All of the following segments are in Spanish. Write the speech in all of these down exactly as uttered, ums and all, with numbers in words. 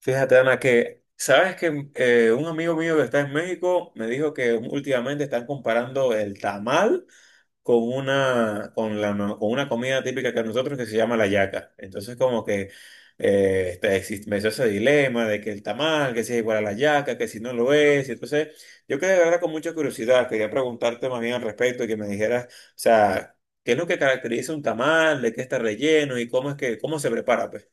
Fíjate, Ana, que sabes que eh, un amigo mío que está en México me dijo que últimamente están comparando el tamal con una, con la, no- con una comida típica que nosotros que se llama la yaca. Entonces como que eh, está- existe- me hizo ese dilema de que el tamal, que si es igual a la yaca, que si no lo es. Y Entonces yo quedé de verdad con mucha curiosidad, quería preguntarte más bien al respecto y que me dijeras, o sea, ¿qué es lo que caracteriza un tamal, de qué está relleno y cómo es que, cómo se prepara, pues?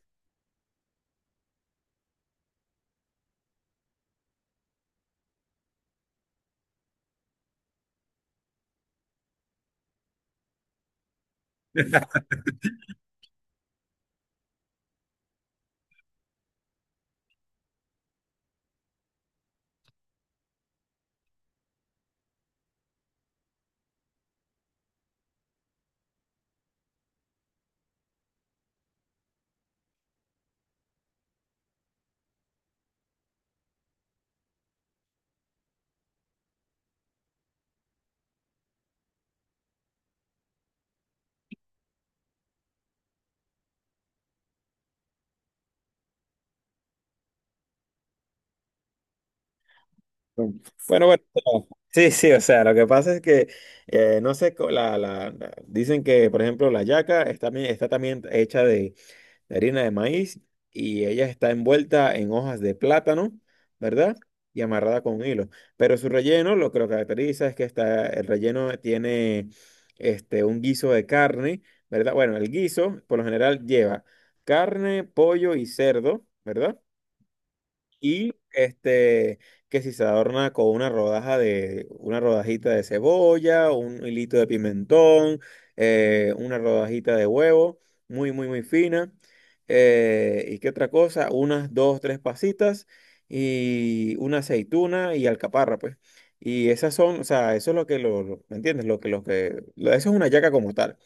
Bueno, bueno, bueno, sí, sí, o sea, lo que pasa es que, eh, no sé, co- la, la, la- dicen que, por ejemplo, la yaca está, también- está también hecha de, de harina de maíz y ella está envuelta en hojas de plátano, ¿verdad? Y amarrada con hilo. Pero su relleno, lo que lo caracteriza es que está, el relleno tiene este, un guiso de carne, ¿verdad? Bueno, el guiso, por lo general, lleva carne, pollo y cerdo, ¿verdad? Y este, que si se adorna con una rodaja de, una rodajita de cebolla, un hilito de pimentón, eh, una rodajita de huevo, muy, muy, muy fina. Eh, ¿y qué otra cosa? Unas dos, tres pasitas y una aceituna y alcaparra, pues. Y esas son, o sea, eso es lo que lo, lo- ¿me entiendes? Lo que, lo que, lo- eso es una yaca como tal.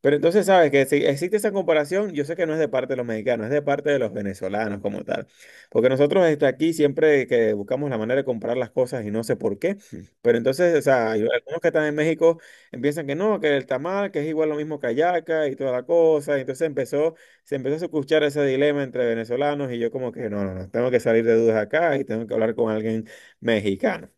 Pero entonces, ¿sabes? Que si existe esa comparación, yo sé que no es de parte de los mexicanos, es de parte de los venezolanos como tal. Porque nosotros este, aquí siempre que buscamos la manera de comprar las cosas y no sé por qué, pero entonces, o sea, hay algunos que están en México empiezan que no, que el tamal, que es igual lo mismo que hallaca y toda la cosa. Y entonces empezó, se empezó a escuchar ese dilema entre venezolanos y yo como que no, no, no, tengo que salir de dudas acá y tengo que hablar con alguien mexicano.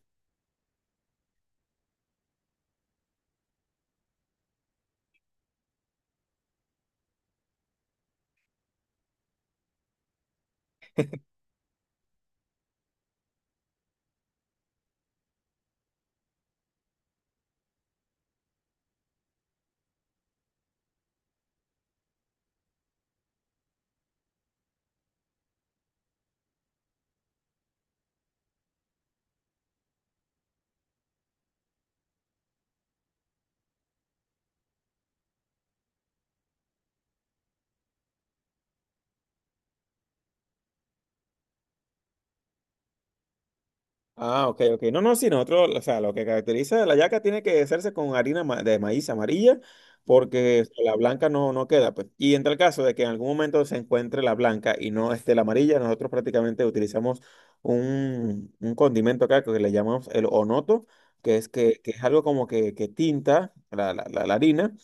Ah, ok, ok. No, no, sí, nosotros, o sea, lo que caracteriza la yaca tiene que hacerse con harina ma- de maíz amarilla, porque la blanca no, no queda, pues. Y en tal caso de que en algún momento se encuentre la blanca y no esté la amarilla, nosotros prácticamente utilizamos un, un condimento acá que le llamamos el onoto, que es que, que es algo como que, que tinta la, la, la- la harina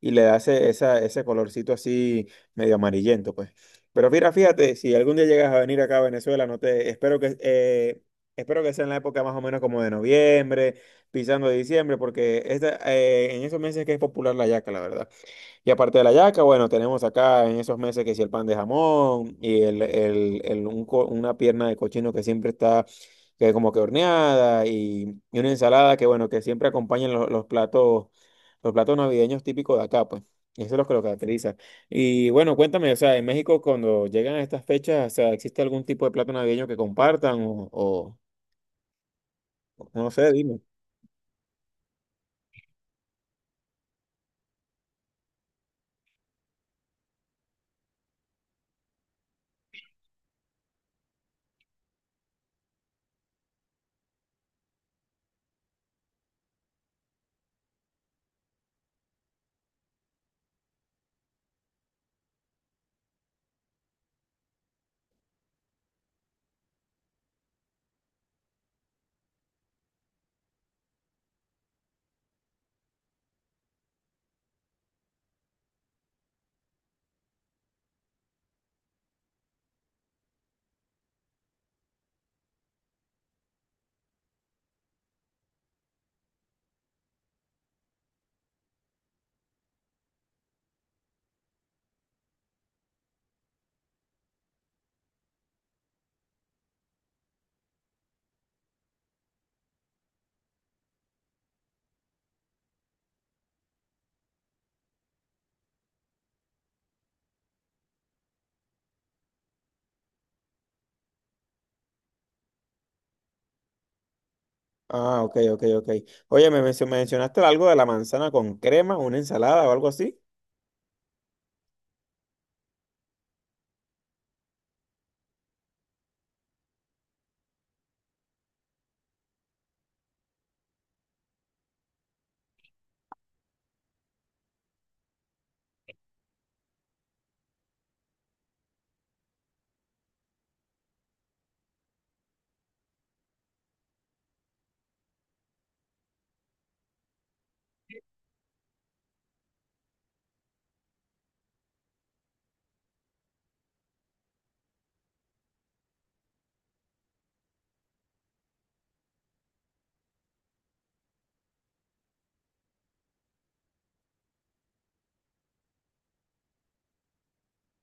y le hace esa, ese colorcito así medio amarillento, pues. Pero mira, fíjate, si algún día llegas a venir acá a Venezuela, no te, espero que eh, espero que sea en la época más o menos como de noviembre, pisando de diciembre, porque esta, eh, en esos meses que es popular la yaca, la verdad. Y aparte de la yaca, bueno, tenemos acá en esos meses que si el pan de jamón y el, el- el- un co- una pierna de cochino que siempre está que como que horneada y, y una ensalada que, bueno, que siempre acompañan los, los platos, los platos navideños típicos de acá, pues. Eso es lo que lo caracteriza. Y bueno, cuéntame, o sea, en México cuando llegan a estas fechas, o sea, ¿existe algún tipo de plato navideño que compartan o... o- no sé, dime. Ah, ok, ok, ok. Oye, me mencio- mencionaste algo de la manzana con crema, una ensalada o algo así.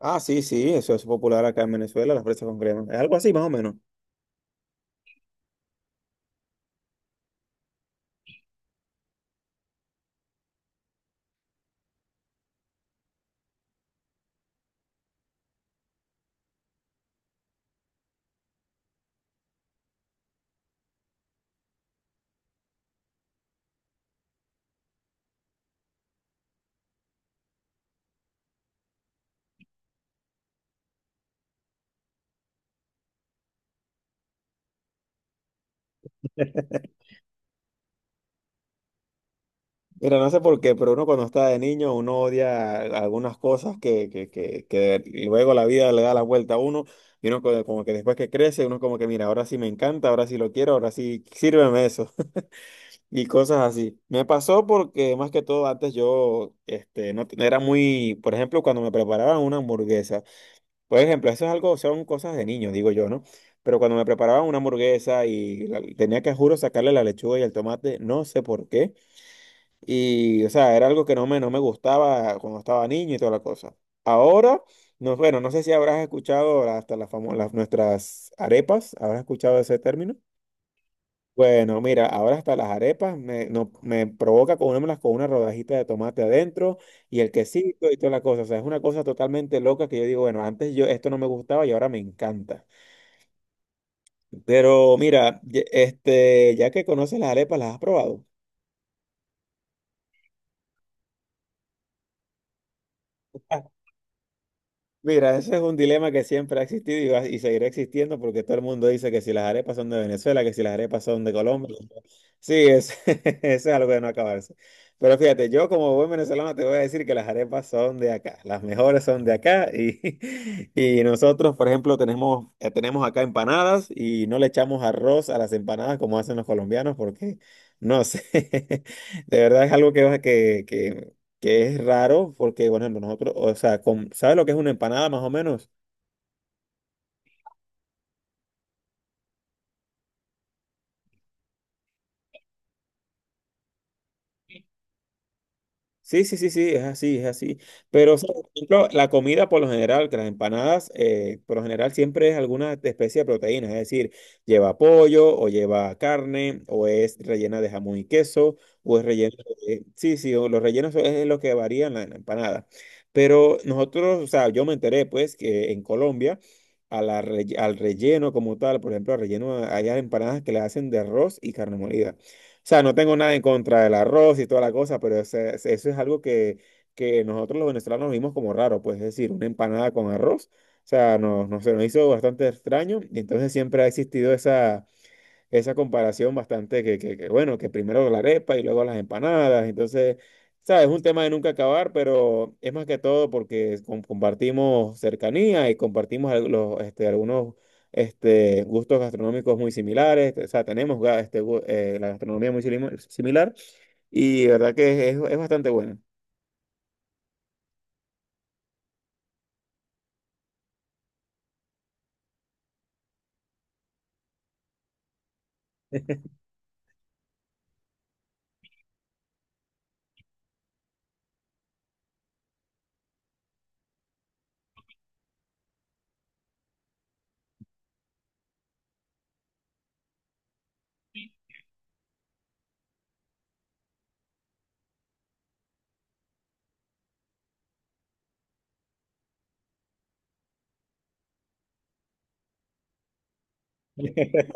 Ah, sí, sí, eso es popular acá en Venezuela, las fresas con crema. Es algo así, más o menos. Mira, no sé por qué, pero uno cuando está de niño, uno odia algunas cosas que, que, que, que luego la vida le da la vuelta a uno. Y uno co- como que después que crece, uno como que, mira, ahora sí me encanta, ahora sí lo quiero, ahora sí, sírveme eso. Y cosas así. Me pasó porque más que todo antes yo este, no, te- era muy, por ejemplo, cuando me preparaban una hamburguesa, por ejemplo, eso es algo, son cosas de niños, digo yo, ¿no? Pero cuando me preparaban una hamburguesa y la- tenía que, juro, sacarle la lechuga y el tomate, no sé por qué. Y, o sea, era algo que no me, no me gustaba cuando estaba niño y toda la cosa. Ahora, no, bueno, no sé si habrás escuchado hasta las famo- las, nuestras arepas, habrás escuchado ese término. Bueno, mira, ahora hasta las arepas me, no, me provoca comérmelas con una rodajita de tomate adentro y el quesito y toda la cosa. O sea, es una cosa totalmente loca que yo digo, bueno, antes yo esto no me gustaba y ahora me encanta. Pero mira, ye- este, ya que conoces las arepas, ¿las has probado? Mira, ese es un dilema que siempre ha existido y, va- y seguirá existiendo porque todo el mundo dice que si las arepas son de Venezuela, que si las arepas son de Colombia. Sí, es, eso es algo de no acabarse. Pero fíjate, yo como buen venezolano te voy a decir que las arepas son de acá, las mejores son de acá y, y nosotros, por ejemplo, tenemos, eh, tenemos acá empanadas y no le echamos arroz a las empanadas como hacen los colombianos porque, no sé, de verdad es algo que, va- que, que que es raro porque, bueno ejemplo, nosotros, o sea, con- ¿sabes lo que es una empanada más o menos? Sí, sí, sí, sí, es así, es así. Pero, o sea, por ejemplo, la comida por lo general, que las empanadas, eh, por lo general siempre es alguna especie de proteína, es decir, lleva pollo o lleva carne o es rellena de jamón y queso o es rellena de... Sí, sí, o los rellenos es lo que varía en la, en la empanada. Pero nosotros, o sea, yo me enteré pues que en Colombia a la relle- al relleno como tal, por ejemplo, al relleno hay empanadas que le hacen de arroz y carne molida. O sea, no tengo nada en contra del arroz y toda la cosa, pero ese- ese- eso es algo que, que nosotros los venezolanos vimos como raro, pues es decir, una empanada con arroz. O sea, no, no, se nos hizo bastante extraño y entonces siempre ha existido esa comparación bastante que, que, que, bueno, que primero la arepa y luego las empanadas. Entonces, sabes, es un tema de nunca acabar, pero es más que todo porque com- compartimos cercanía y compartimos al- los, este, algunos este, gustos gastronómicos muy similares. O sea, tenemos ga- este, gu- eh, la gastronomía muy silimo- similar y verdad que es, es bastante bueno.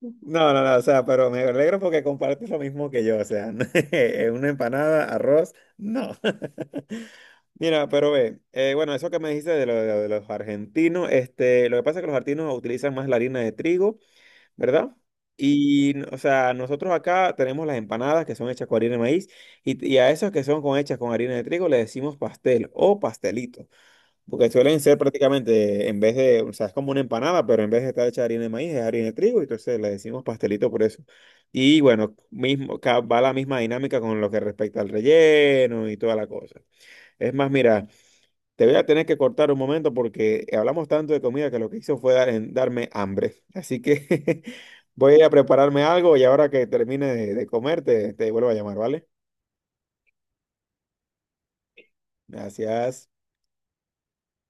No, no, no, o sea, pero me alegro porque compartes lo mismo que yo, o sea, una empanada, arroz, no. Mira, pero ve, eh, bueno, eso que me dijiste de, lo- de lo- de los argentinos, este, lo que pasa es que los argentinos utilizan más la harina de trigo, ¿verdad? Y, o sea, nosotros acá tenemos las empanadas que son hechas con harina de maíz y, y a esas que son con, hechas con harina de trigo le decimos pastel o pastelito, porque suelen ser prácticamente, en vez de, o sea, es como una empanada, pero en vez de estar hecha de harina de maíz es harina de trigo, entonces le decimos pastelito por eso. Y bueno, mismo, ca- va la misma dinámica con lo que respecta al relleno y toda la cosa. Es más, mira. Te voy a tener que cortar un momento porque hablamos tanto de comida que lo que hizo fue dar- en- darme hambre. Así que voy a prepararme algo y ahora que termine de, de comer te, te vuelvo a llamar, ¿vale? Gracias.